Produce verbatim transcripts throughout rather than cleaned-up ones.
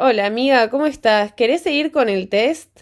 Hola amiga, ¿cómo estás? ¿Querés seguir con el test?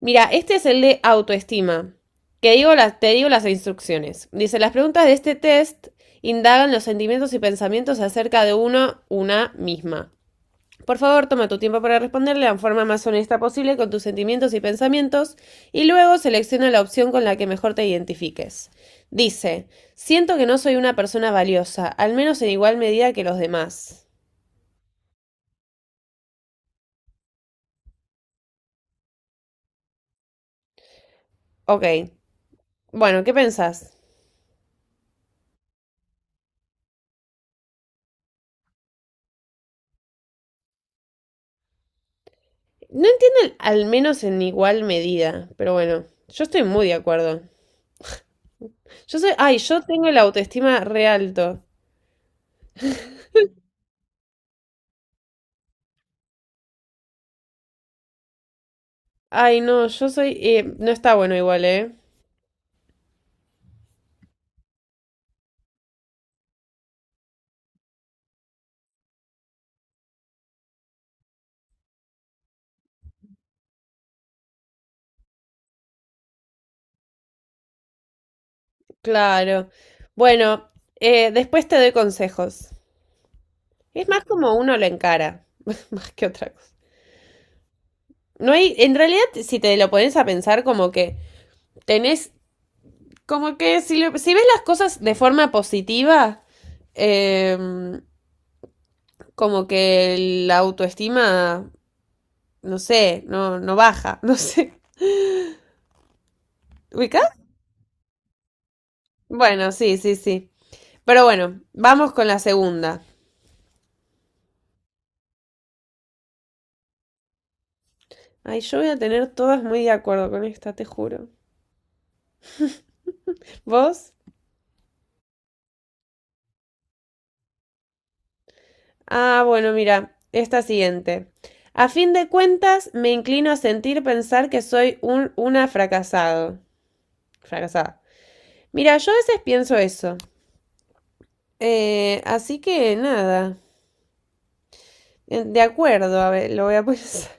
Mira, este es el de autoestima. Que digo las, te digo las instrucciones. Dice, las preguntas de este test indagan los sentimientos y pensamientos acerca de uno, una misma. Por favor, toma tu tiempo para responderle de la forma más honesta posible con tus sentimientos y pensamientos y luego selecciona la opción con la que mejor te identifiques. Dice, siento que no soy una persona valiosa, al menos en igual medida que los demás. Ok. Bueno, ¿qué pensás? No entiendo, al menos en igual medida, pero bueno, yo estoy muy de acuerdo. Yo soy, ay, yo tengo el autoestima re alto. Ay, no, yo soy, eh, no está bueno igual, ¿eh? Claro. Bueno, eh, después te doy consejos. Es más como uno lo encara, más que otra cosa. No hay, en realidad, si te lo pones a pensar, como que tenés, como que si, lo- si ves las cosas de forma positiva, em, como que la autoestima no sé, no, no baja, no sé. ¿Ubicás? Bueno, sí, sí, sí. Pero bueno, vamos con la segunda. Ay, yo voy a tener todas muy de acuerdo con esta, te juro. ¿Vos? Ah, bueno, mira, esta siguiente. A fin de cuentas, me inclino a sentir pensar que soy un, una fracasado. Fracasada. Mira, yo a veces pienso eso. Eh, así que nada. Eh, De acuerdo, a ver, lo voy a pensar.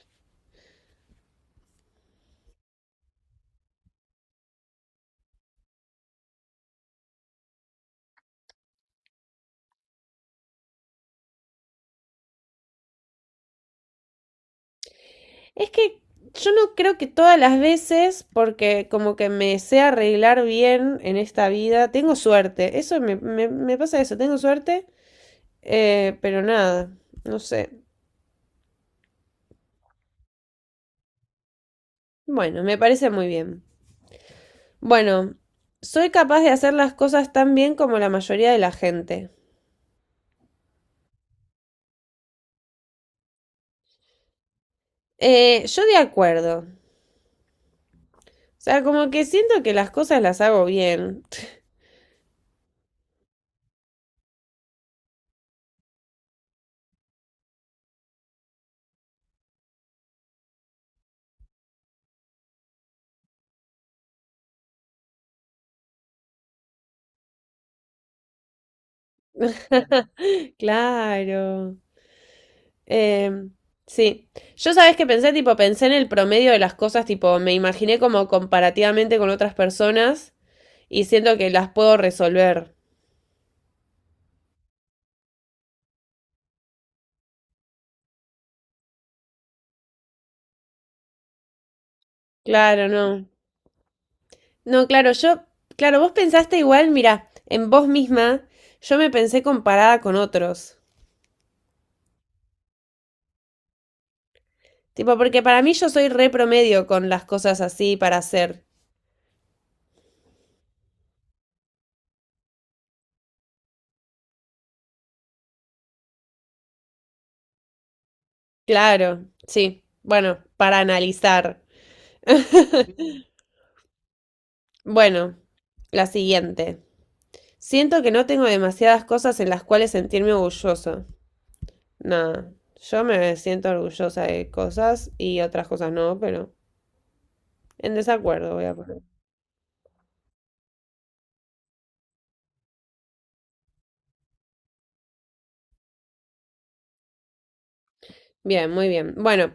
Es que yo no creo que todas las veces, porque como que me sé arreglar bien en esta vida, tengo suerte. Eso me, me- me pasa eso, tengo suerte, eh, pero nada, no sé. Bueno, me parece muy bien. Bueno, soy capaz de hacer las cosas tan bien como la mayoría de la gente. Eh, yo de acuerdo. O sea, como que siento que las cosas las hago bien. Claro. Em, sí. Yo sabes que pensé, tipo, pensé en el promedio de las cosas, tipo, me imaginé como comparativamente con otras personas y siento que las puedo resolver. Claro, no. No, claro, yo, claro, vos pensaste igual, mira, en vos misma, yo me pensé comparada con otros. Tipo, porque para mí yo soy re promedio con las cosas así para hacer. Claro, sí. Bueno, para analizar. Bueno, la siguiente. Siento que no tengo demasiadas cosas en las cuales sentirme orgulloso. Nada, yo me siento orgullosa de cosas y otras cosas no, pero en desacuerdo voy a poner. Bien, muy bien. Bueno,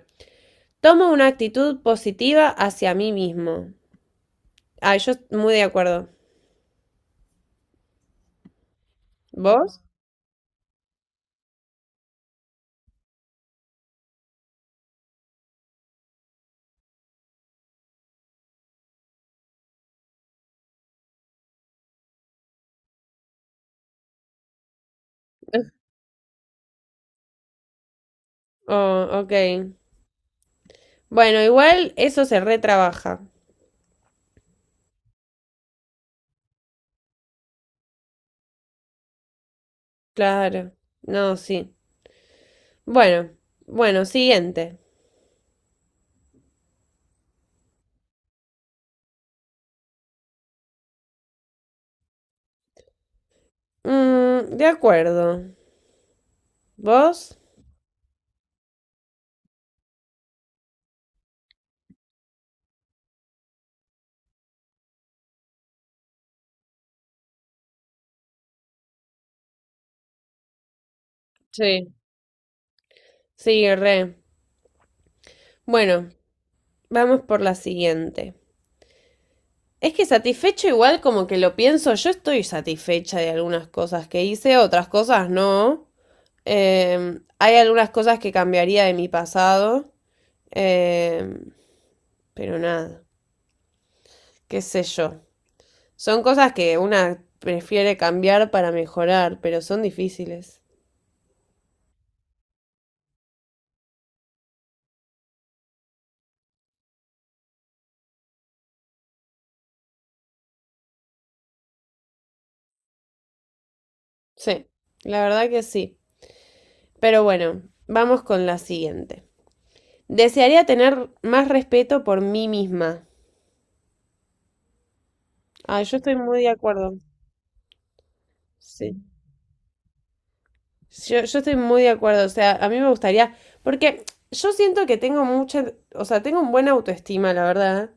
tomo una actitud positiva hacia mí mismo. Ah, yo est- muy de acuerdo. ¿Vos? Oh, ok. Bueno, igual eso se retrabaja. Claro. No, sí. Bueno, bueno, siguiente. Mm, de acuerdo. ¿Vos? Sí. Sí, re. Bueno, vamos por la siguiente. Es que satisfecho igual como que lo pienso, yo estoy satisfecha de algunas cosas que hice, otras cosas no. Em, hay algunas cosas que cambiaría de mi pasado, em, pero nada, qué sé yo. Son cosas que una prefiere cambiar para mejorar, pero son difíciles. Sí, la verdad que sí. Pero bueno, vamos con la siguiente. Desearía tener más respeto por mí misma. Ah, yo estoy muy de acuerdo. Sí. Yo, yo estoy muy de acuerdo. O sea, a mí me gustaría. Porque yo siento que tengo mucha. O sea, tengo un buena autoestima, la verdad.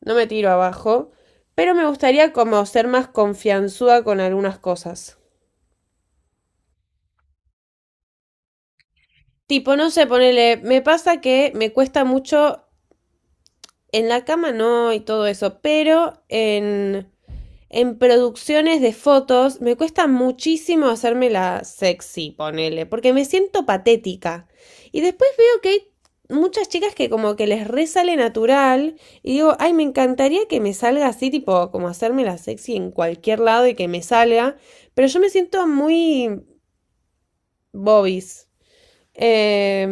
No me tiro abajo. Pero me gustaría como ser más confianzuda con algunas cosas. Tipo, no sé, ponele. Me pasa que me cuesta mucho. En la cama no y todo eso. Pero en. En producciones de fotos me cuesta muchísimo hacerme la sexy, ponele, porque me siento patética. Y después veo que hay muchas chicas que como que les resale natural y digo, ay, me encantaría que me salga así, tipo, como hacerme la sexy en cualquier lado y que me salga, pero yo me siento muy bobis. Eh,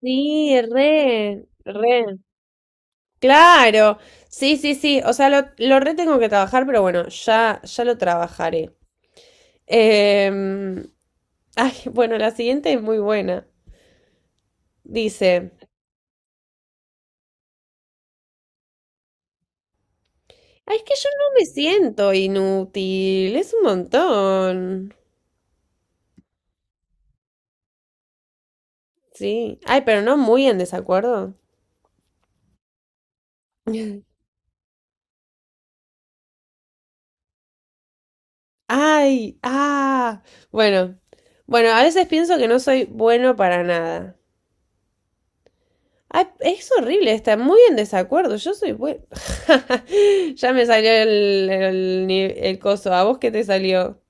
sí, re, re. Claro, sí, sí, sí, o sea, lo, lo re tengo que trabajar, pero bueno, ya, ya lo trabajaré. Eh, Ay, bueno, la siguiente es muy buena. Dice, "Ay, es que yo no me siento inútil, es un montón. Sí. Ay, pero no muy en desacuerdo. Ay, ah, bueno. Bueno, a veces pienso que no soy bueno para nada. Ay, es horrible, está muy en desacuerdo. Yo soy bueno. Ya me salió el, el, ni- el coso. ¿A vos qué te salió?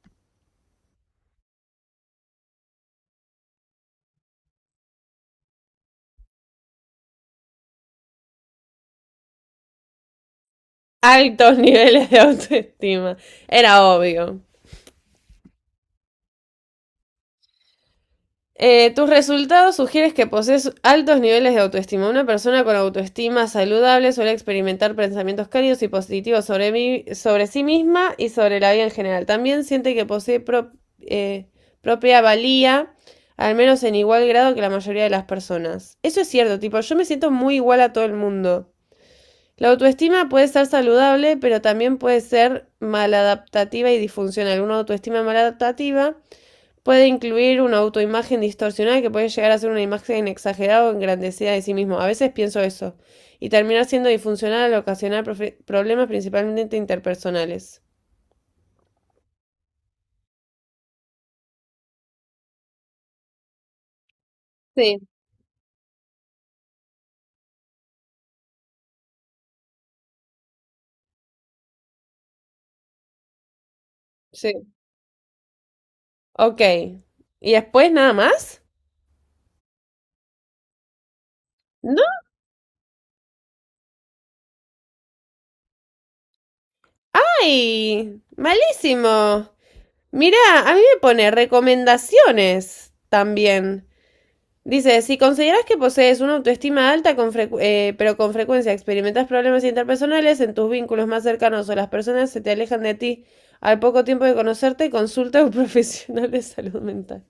Altos niveles de autoestima. Era obvio. Eh, tus resultados sugieren que posees altos niveles de autoestima. Una persona con autoestima saludable suele experimentar pensamientos cálidos y positivos sobre, mí- sobre sí misma y sobre la vida en general. También siente que posee pro- eh, propia valía, al menos en igual grado que la mayoría de las personas. Eso es cierto, tipo, yo me siento muy igual a todo el mundo. La autoestima puede estar saludable, pero también puede ser maladaptativa y disfuncional. Una autoestima maladaptativa puede incluir una autoimagen distorsionada que puede llegar a ser una imagen exagerada o engrandecida de sí mismo. A veces pienso eso, y terminar siendo disfuncional al ocasionar profe- problemas principalmente interpersonales. Sí, sí. Ok. ¿Y después nada más? No. ¡Ay! Malísimo. Mirá, a mí me pone recomendaciones también. Dice, si consideras que posees una autoestima alta, con frecu- eh, pero con frecuencia experimentas problemas interpersonales en tus vínculos más cercanos o las personas se te alejan de ti al poco tiempo de conocerte, consulta a un profesional de salud mental.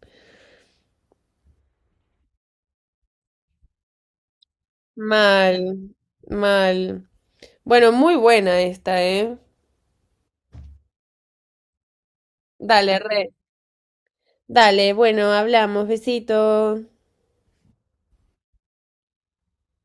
Mal, mal. Bueno, muy buena esta, ¿eh? Dale, re. Dale, bueno, hablamos, besito.